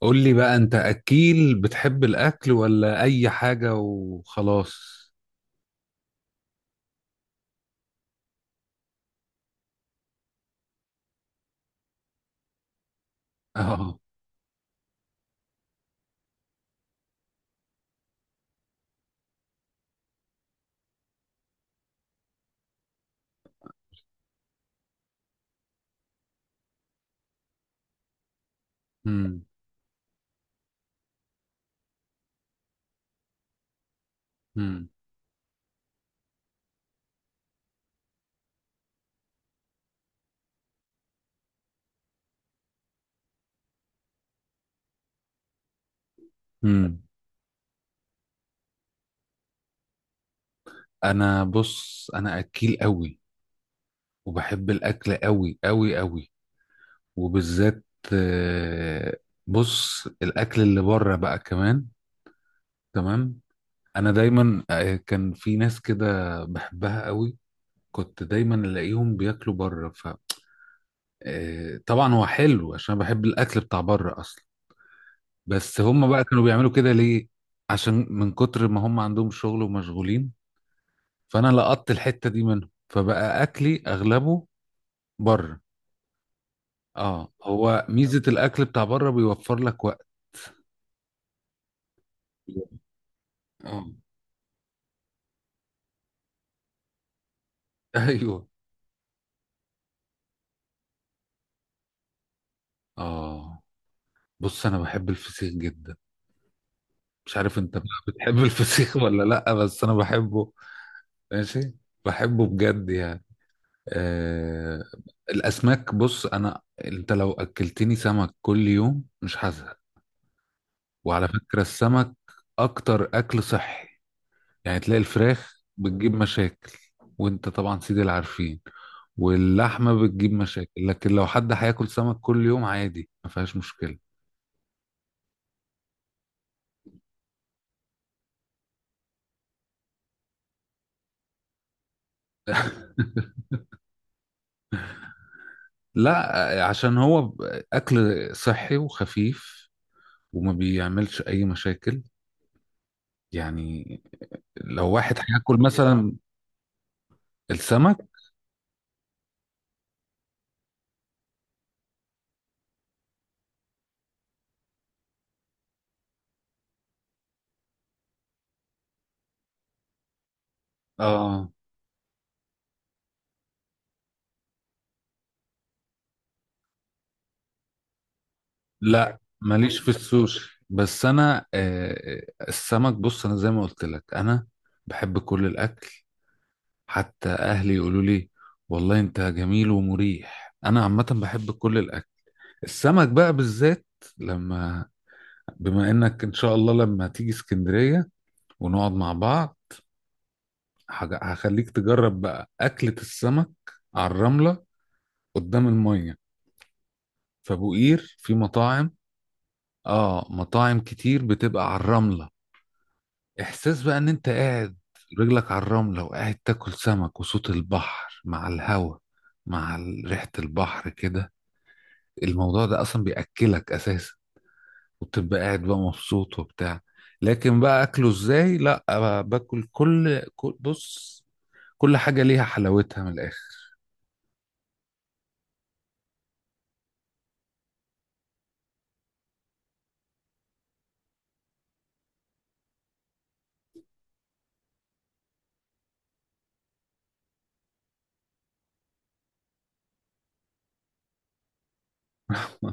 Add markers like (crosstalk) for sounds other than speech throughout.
قول لي بقى انت اكيل بتحب الاكل ولا اي حاجه وخلاص؟ (laughs) اه. امم، امم، امم. انا، بص، انا اكيل قوي وبحب الاكل قوي قوي قوي. وبالذات آه، بص الاكل اللي بره بقى كمان. تمام. انا دايما كان في ناس كده بحبها قوي. كنت دايما الاقيهم بياكلوا بره. ف طبعا هو حلو عشان بحب الاكل بتاع بره اصلا. بس هم بقى كانوا بيعملوا كده ليه؟ عشان من كتر ما هم عندهم شغل ومشغولين. فانا لقطت الحتة دي منهم فبقى اكلي اغلبه بره. اه، هو ميزة الاكل بتاع بره بيوفر لك وقت. اه. (laughs) ايوه. اه، بص انا بحب الفسيخ جدا. مش عارف انت بقى بتحب (laughs) الفسيخ ولا لا، بس انا بحبه. ماشي. بحبه بجد يعني. آه... الاسماك، بص انا، انت لو اكلتني سمك كل يوم مش هزهق. وعلى فكرة السمك أكتر أكل صحي. يعني تلاقي الفراخ بتجيب مشاكل، وأنت طبعا سيدي العارفين، واللحمة بتجيب مشاكل، لكن لو حد هياكل سمك كل يوم عادي ما فيهاش مشكلة. لا، عشان هو أكل صحي وخفيف وما بيعملش أي مشاكل. يعني لو واحد هياكل مثلا. السمك. اه. لا ماليش في السوشي، بس انا السمك، بص انا زي ما قلت لك، انا بحب كل الاكل. حتى اهلي يقولوا لي والله انت جميل ومريح. انا عامه بحب كل الاكل. السمك بقى بالذات، لما، بما انك ان شاء الله لما تيجي اسكندريه ونقعد مع بعض، هخليك تجرب بقى اكله السمك على الرمله قدام الميه في ابو قير. في مطاعم. اه، مطاعم كتير بتبقى على الرمله. احساس بقى ان انت قاعد رجلك على الرملة وقاعد تاكل سمك، وصوت البحر مع الهوا مع ريحة البحر كده، الموضوع ده اصلا بيأكلك اساسا، وبتبقى قاعد بقى مبسوط وبتاع. لكن بقى اكله ازاي؟ لا، بقى باكل كل بص، كل حاجة ليها حلاوتها من الاخر. (laughs)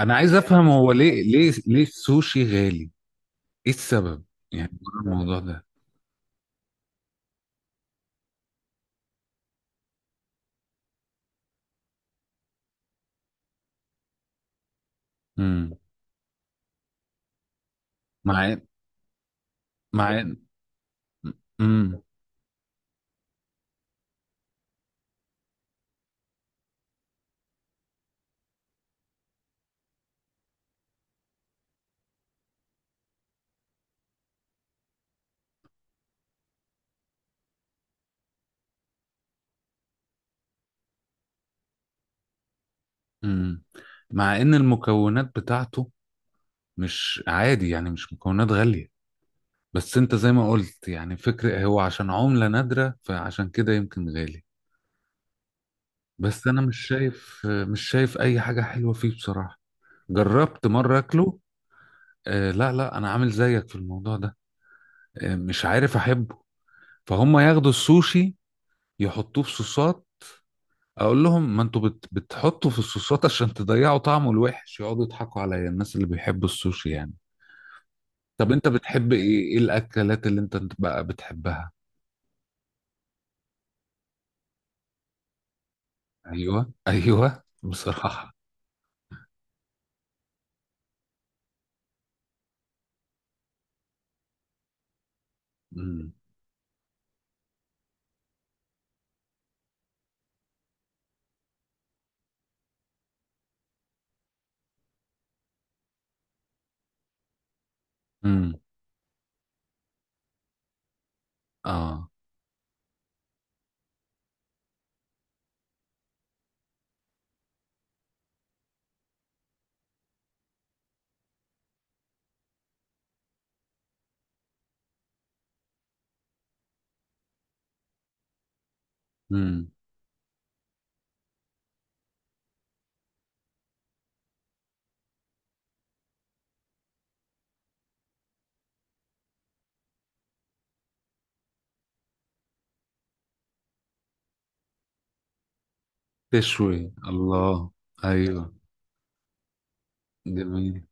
انا عايز افهم هو ليه ليه السوشي غالي؟ ايه السبب يعني ورا الموضوع ده؟ امم. مع. مع. امم. مم. مع ان المكونات بتاعته مش عادي يعني، مش مكونات غالية. بس انت زي ما قلت يعني، فكرة هو عشان عملة نادرة، فعشان كده يمكن غالي. بس انا مش شايف اي حاجة حلوة فيه بصراحة. جربت مرة اكله. لا لا، انا عامل زيك في الموضوع ده. مش عارف احبه. فهم ياخدوا السوشي يحطوه في صوصات، اقول لهم ما انتوا بتحطوا في الصوصات عشان تضيعوا طعمه الوحش. يقعدوا يضحكوا عليا الناس اللي بيحبوا السوشي يعني. طب انت بتحب ايه؟ ايه الاكلات اللي انت بقى بتحبها؟ ايوه، ايوه، بصراحه. امم. امم. اه. امم. تشوي، الله. ايوه. جميل.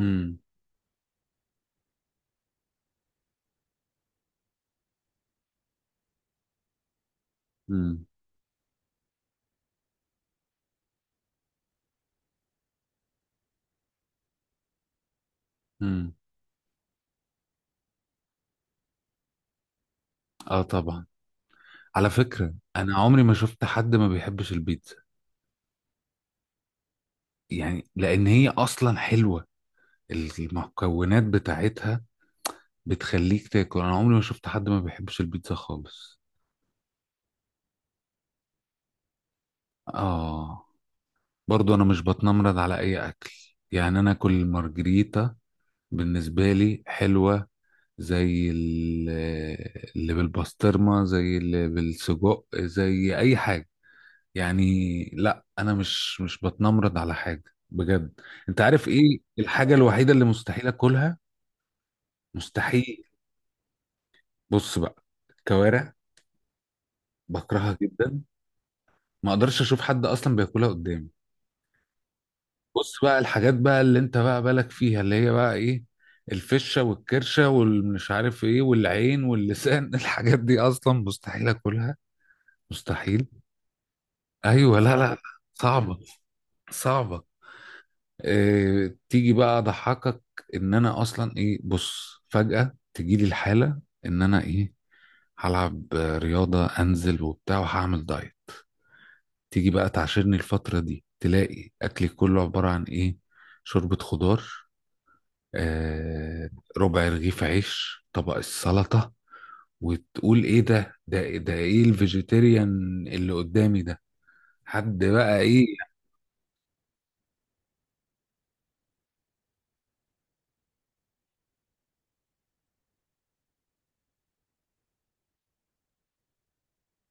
امم. امم. امم. اه طبعا. على فكره انا عمري ما شفت حد ما بيحبش البيتزا. يعني لان هي اصلا حلوه، المكونات بتاعتها بتخليك تاكل. انا عمري ما شفت حد ما بيحبش البيتزا خالص. اه. برضو انا مش بتنمرض على اي اكل، يعني انا كل مارجريتا بالنسبه لي حلوه، زي اللي بالبسطرمه، زي اللي بالسجق، زي اي حاجه يعني. لا، انا مش بتنمرض على حاجه بجد. انت عارف ايه الحاجه الوحيده اللي مستحيل اكلها؟ مستحيل. بص بقى، الكوارع، بكرهها جدا. ما اقدرش اشوف حد اصلا بياكلها قدامي. بص بقى الحاجات بقى اللي انت بقى بالك فيها اللي هي بقى ايه، الفشة والكرشة والمش عارف ايه والعين واللسان، (laughs) الحاجات دي اصلا مستحيل اكلها. مستحيل. ايوه، لا، لا، لا، صعبة، صعبة. إيه تيجي بقى اضحكك، ان انا اصلا ايه، بص فجأة تجيلي الحالة ان انا ايه، هلعب رياضة انزل وبتاع وهعمل دايت. تيجي بقى تعاشرني الفترة دي تلاقي اكلي كله عبارة عن ايه، شوربة خضار، آه، ربع رغيف عيش، طبق السلطة. وتقول ايه ده، ده ايه الفيجيتيريان اللي قدامي ده؟ حد بقى ايه.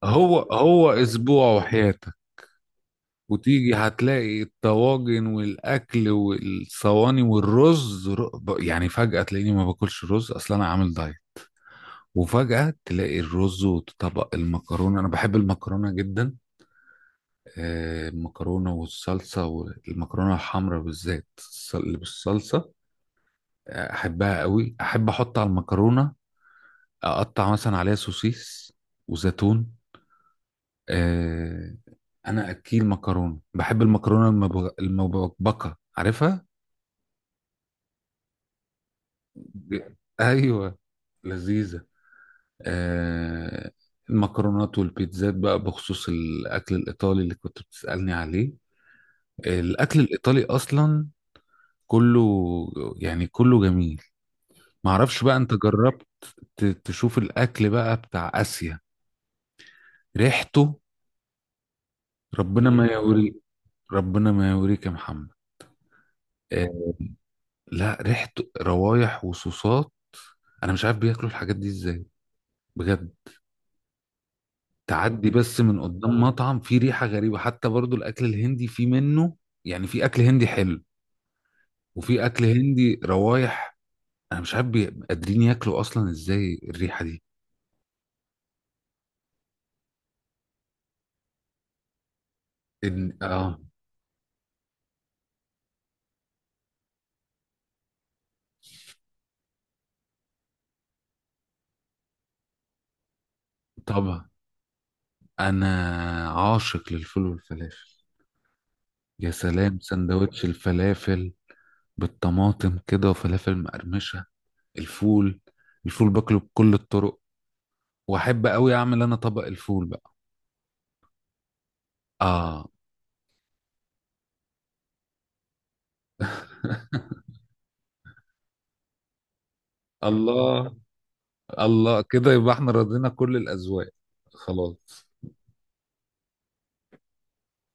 هو هو اسبوع وحياتك، وتيجي هتلاقي الطواجن والاكل والصواني والرز، يعني فجأة تلاقيني ما باكلش رز اصلا، انا عامل دايت. وفجأة تلاقي الرز وطبق المكرونة، أنا بحب المكرونة جدا. المكرونة والصلصة، والمكرونة الحمراء بالذات، اللي بالصلصة احبها قوي. احب احط على المكرونه، اقطع مثلا عليها سوسيس وزيتون. أه. انا اكيل مكرونه، بحب المكرونه المبكبكه، عارفها؟ (laughs) ايوه، لذيذه. أه. المكرونات والبيتزات بقى، بخصوص الاكل الايطالي اللي كنت بتسالني عليه، الاكل الايطالي اصلا كله، يعني كله جميل. معرفش بقى انت جربت تشوف الاكل بقى بتاع اسيا؟ ريحته ربنا ما يوري. ربنا ما يوريك يا محمد. آه. لا، ريحة، روايح وصوصات، انا مش عارف بياكلوا الحاجات دي ازاي بجد. تعدي بس من قدام مطعم فيه ريحة غريبة. حتى برضو الاكل الهندي فيه منه، يعني في اكل هندي حلو وفي اكل هندي روايح. انا مش عارف قادرين ياكلوا اصلا ازاي الريحة دي. اه. طبعا انا عاشق للفول والفلافل. يا سلام سندوتش الفلافل بالطماطم كده، وفلافل مقرمشة. الفول، الفول باكله بكل الطرق، واحب قوي اعمل انا طبق الفول بقى. اه. (laughs) الله. الله، كده يبقى احنا رضينا كل الاذواق. خلاص.